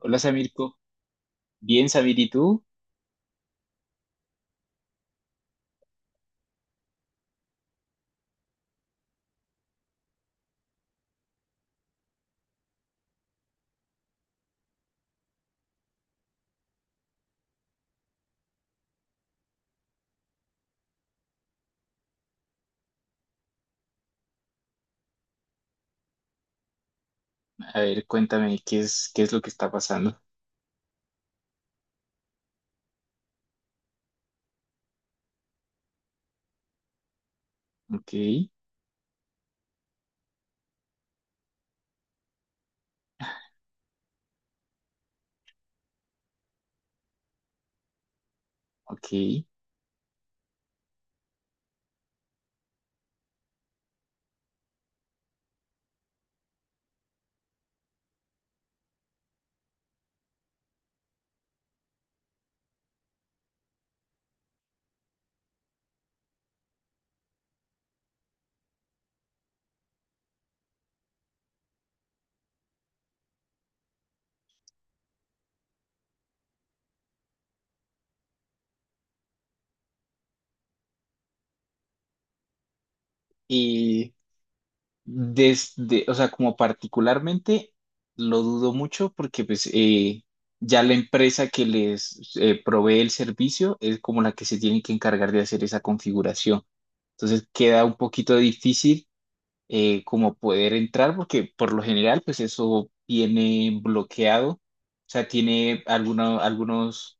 Hola Samirko, bien Samir, ¿y tú? A ver, cuéntame qué es lo que está pasando. Ok, ok. Y desde, o sea, como particularmente lo dudo mucho porque pues ya la empresa que les provee el servicio es como la que se tiene que encargar de hacer esa configuración. Entonces queda un poquito difícil como poder entrar porque por lo general pues eso viene bloqueado. O sea, tiene algunos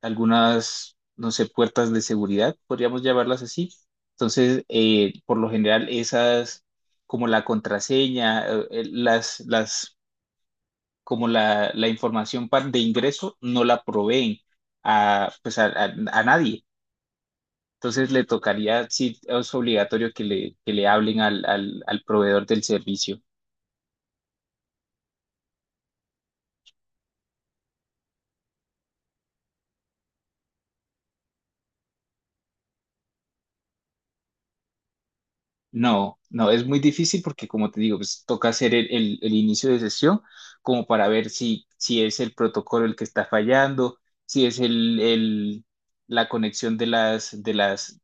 algunas, no sé, puertas de seguridad, podríamos llamarlas así. Entonces, por lo general, esas, como la contraseña, como la información de ingreso, no la proveen a, pues a nadie. Entonces, le tocaría, sí, es obligatorio que le hablen al proveedor del servicio. No, no, es muy difícil porque como te digo, pues toca hacer el inicio de sesión como para ver si, si es el protocolo el que está fallando, si es la conexión de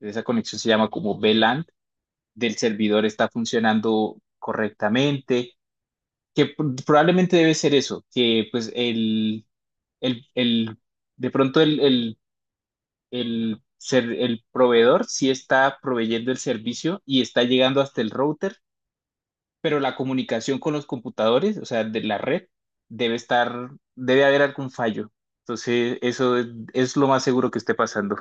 esa conexión se llama como VLAN, del servidor está funcionando correctamente, que probablemente debe ser eso, que pues el, el- de pronto el proveedor sí está proveyendo el servicio y está llegando hasta el router, pero la comunicación con los computadores, o sea, de la red, debe estar, debe haber algún fallo. Entonces, eso es lo más seguro que esté pasando.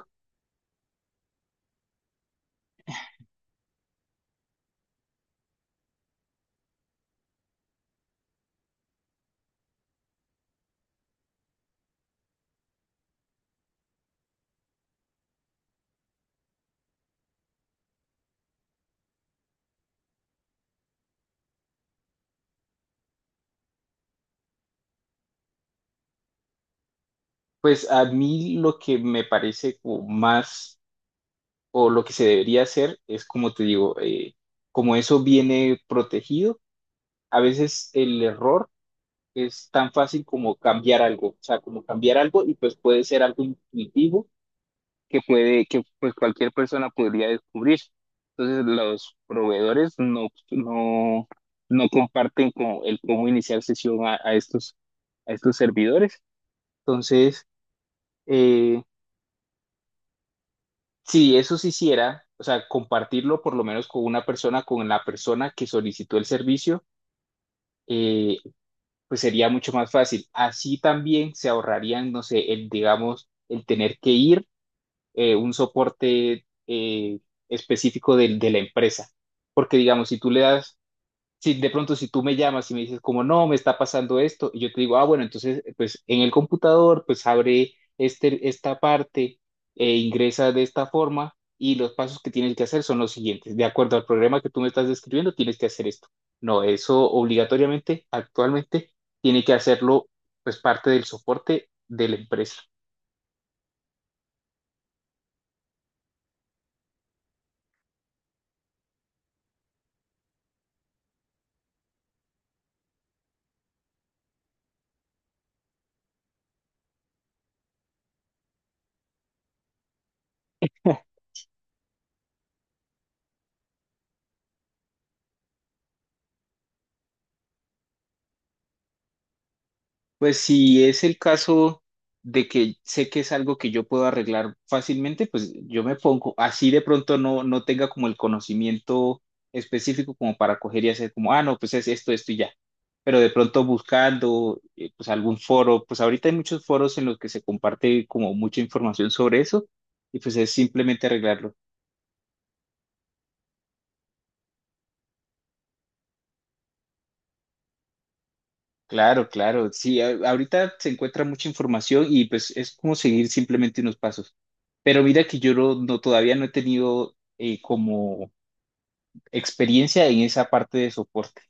Pues a mí lo que me parece como más, o lo que se debería hacer, es como te digo, como eso viene protegido, a veces el error es tan fácil como cambiar algo, o sea, como cambiar algo y pues puede ser algo intuitivo que puede, que pues cualquier persona podría descubrir. Entonces, los proveedores no comparten como el cómo iniciar sesión a estos servidores. Entonces, eh, si eso se hiciera, o sea, compartirlo por lo menos con una persona, con la persona que solicitó el servicio, eh, pues sería mucho más fácil. Así también se ahorrarían, no sé, el, digamos, el tener que ir un soporte específico de la empresa. Porque digamos, si tú le das, si de pronto si tú me llamas y me dices como, no, me está pasando esto, y yo te digo, ah, bueno, entonces, pues en el computador, pues abre este, esta parte e ingresa de esta forma y los pasos que tienes que hacer son los siguientes. De acuerdo al programa que tú me estás describiendo, tienes que hacer esto. No, eso obligatoriamente, actualmente, tiene que hacerlo, pues parte del soporte de la empresa. Pues si es el caso de que sé que es algo que yo puedo arreglar fácilmente, pues yo me pongo, así de pronto no, no tenga como el conocimiento específico como para coger y hacer como, ah, no, pues es esto, esto y ya. Pero de pronto buscando pues algún foro, pues ahorita hay muchos foros en los que se comparte como mucha información sobre eso y pues es simplemente arreglarlo. Claro, claro, sí, ahorita se encuentra mucha información y pues es como seguir simplemente unos pasos. Pero mira que yo todavía no he tenido como experiencia en esa parte de soporte.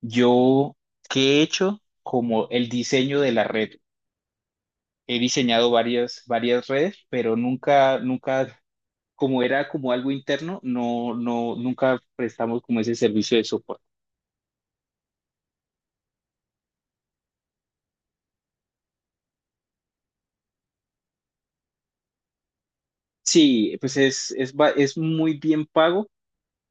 Yo, ¿qué he hecho? Como el diseño de la red. He diseñado varias, varias redes, pero nunca, nunca, como era como algo interno, nunca prestamos como ese servicio de soporte. Sí, pues es, es muy bien pago,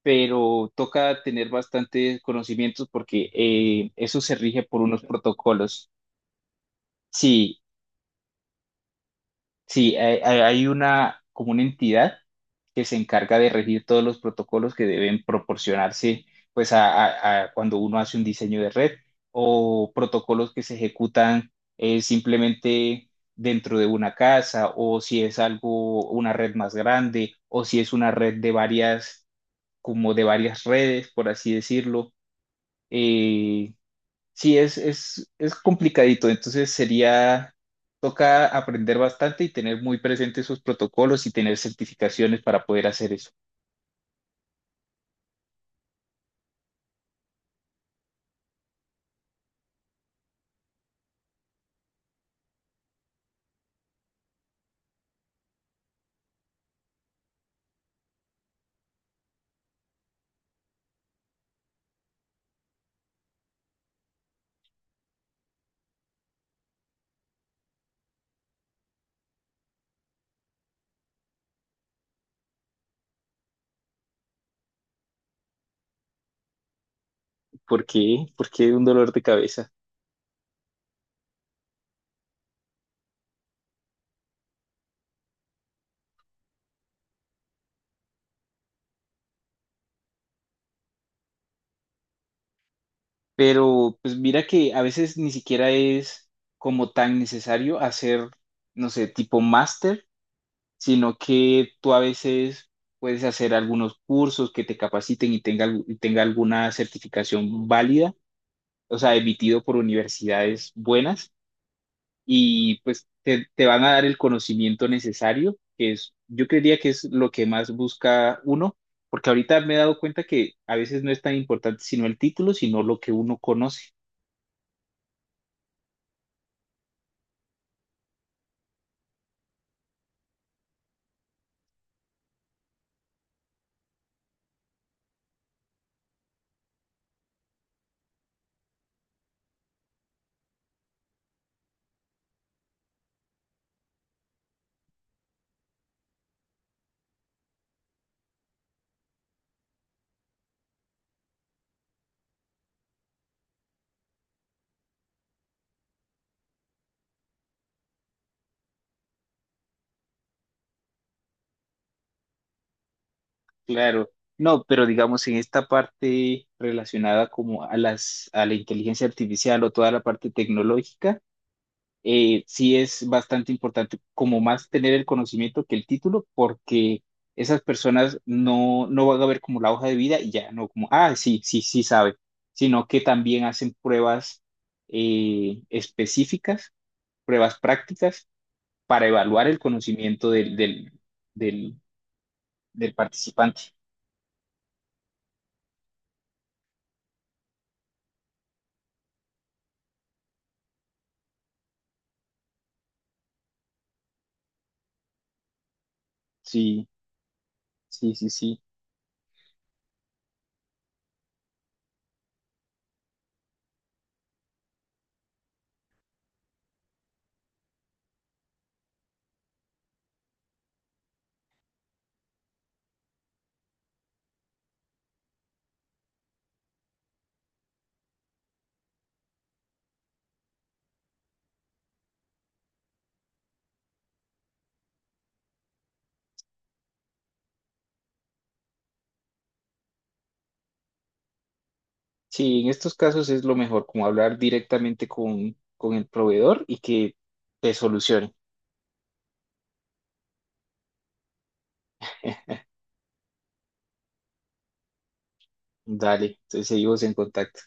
pero toca tener bastantes conocimientos porque eso se rige por unos protocolos. Sí, sí, hay, hay una como una entidad que se encarga de regir todos los protocolos que deben proporcionarse pues a cuando uno hace un diseño de red o protocolos que se ejecutan simplemente dentro de una casa o si es algo, una red más grande o si es una red de varias, como de varias redes, por así decirlo. Eh, Sí, es complicadito, entonces sería, toca aprender bastante y tener muy presentes esos protocolos y tener certificaciones para poder hacer eso. ¿Por qué? Porque un dolor de cabeza. Pero pues mira que a veces ni siquiera es como tan necesario hacer, no sé, tipo máster, sino que tú a veces puedes hacer algunos cursos que te capaciten y tenga alguna certificación válida, o sea, emitido por universidades buenas y pues te van a dar el conocimiento necesario, que es, yo creería que es lo que más busca uno, porque ahorita me he dado cuenta que a veces no es tan importante sino el título, sino lo que uno conoce. Claro, no, pero digamos en esta parte relacionada como a las, a la inteligencia artificial o toda la parte tecnológica, sí es bastante importante como más tener el conocimiento que el título, porque esas personas no, no van a ver como la hoja de vida y ya, no como, ah, sí, sí, sí sabe, sino que también hacen pruebas específicas, pruebas prácticas para evaluar el conocimiento del, del participante. Sí, sí, sí, sí. Sí, en estos casos es lo mejor, como hablar directamente con el proveedor y que te solucione. Dale, entonces seguimos en contacto.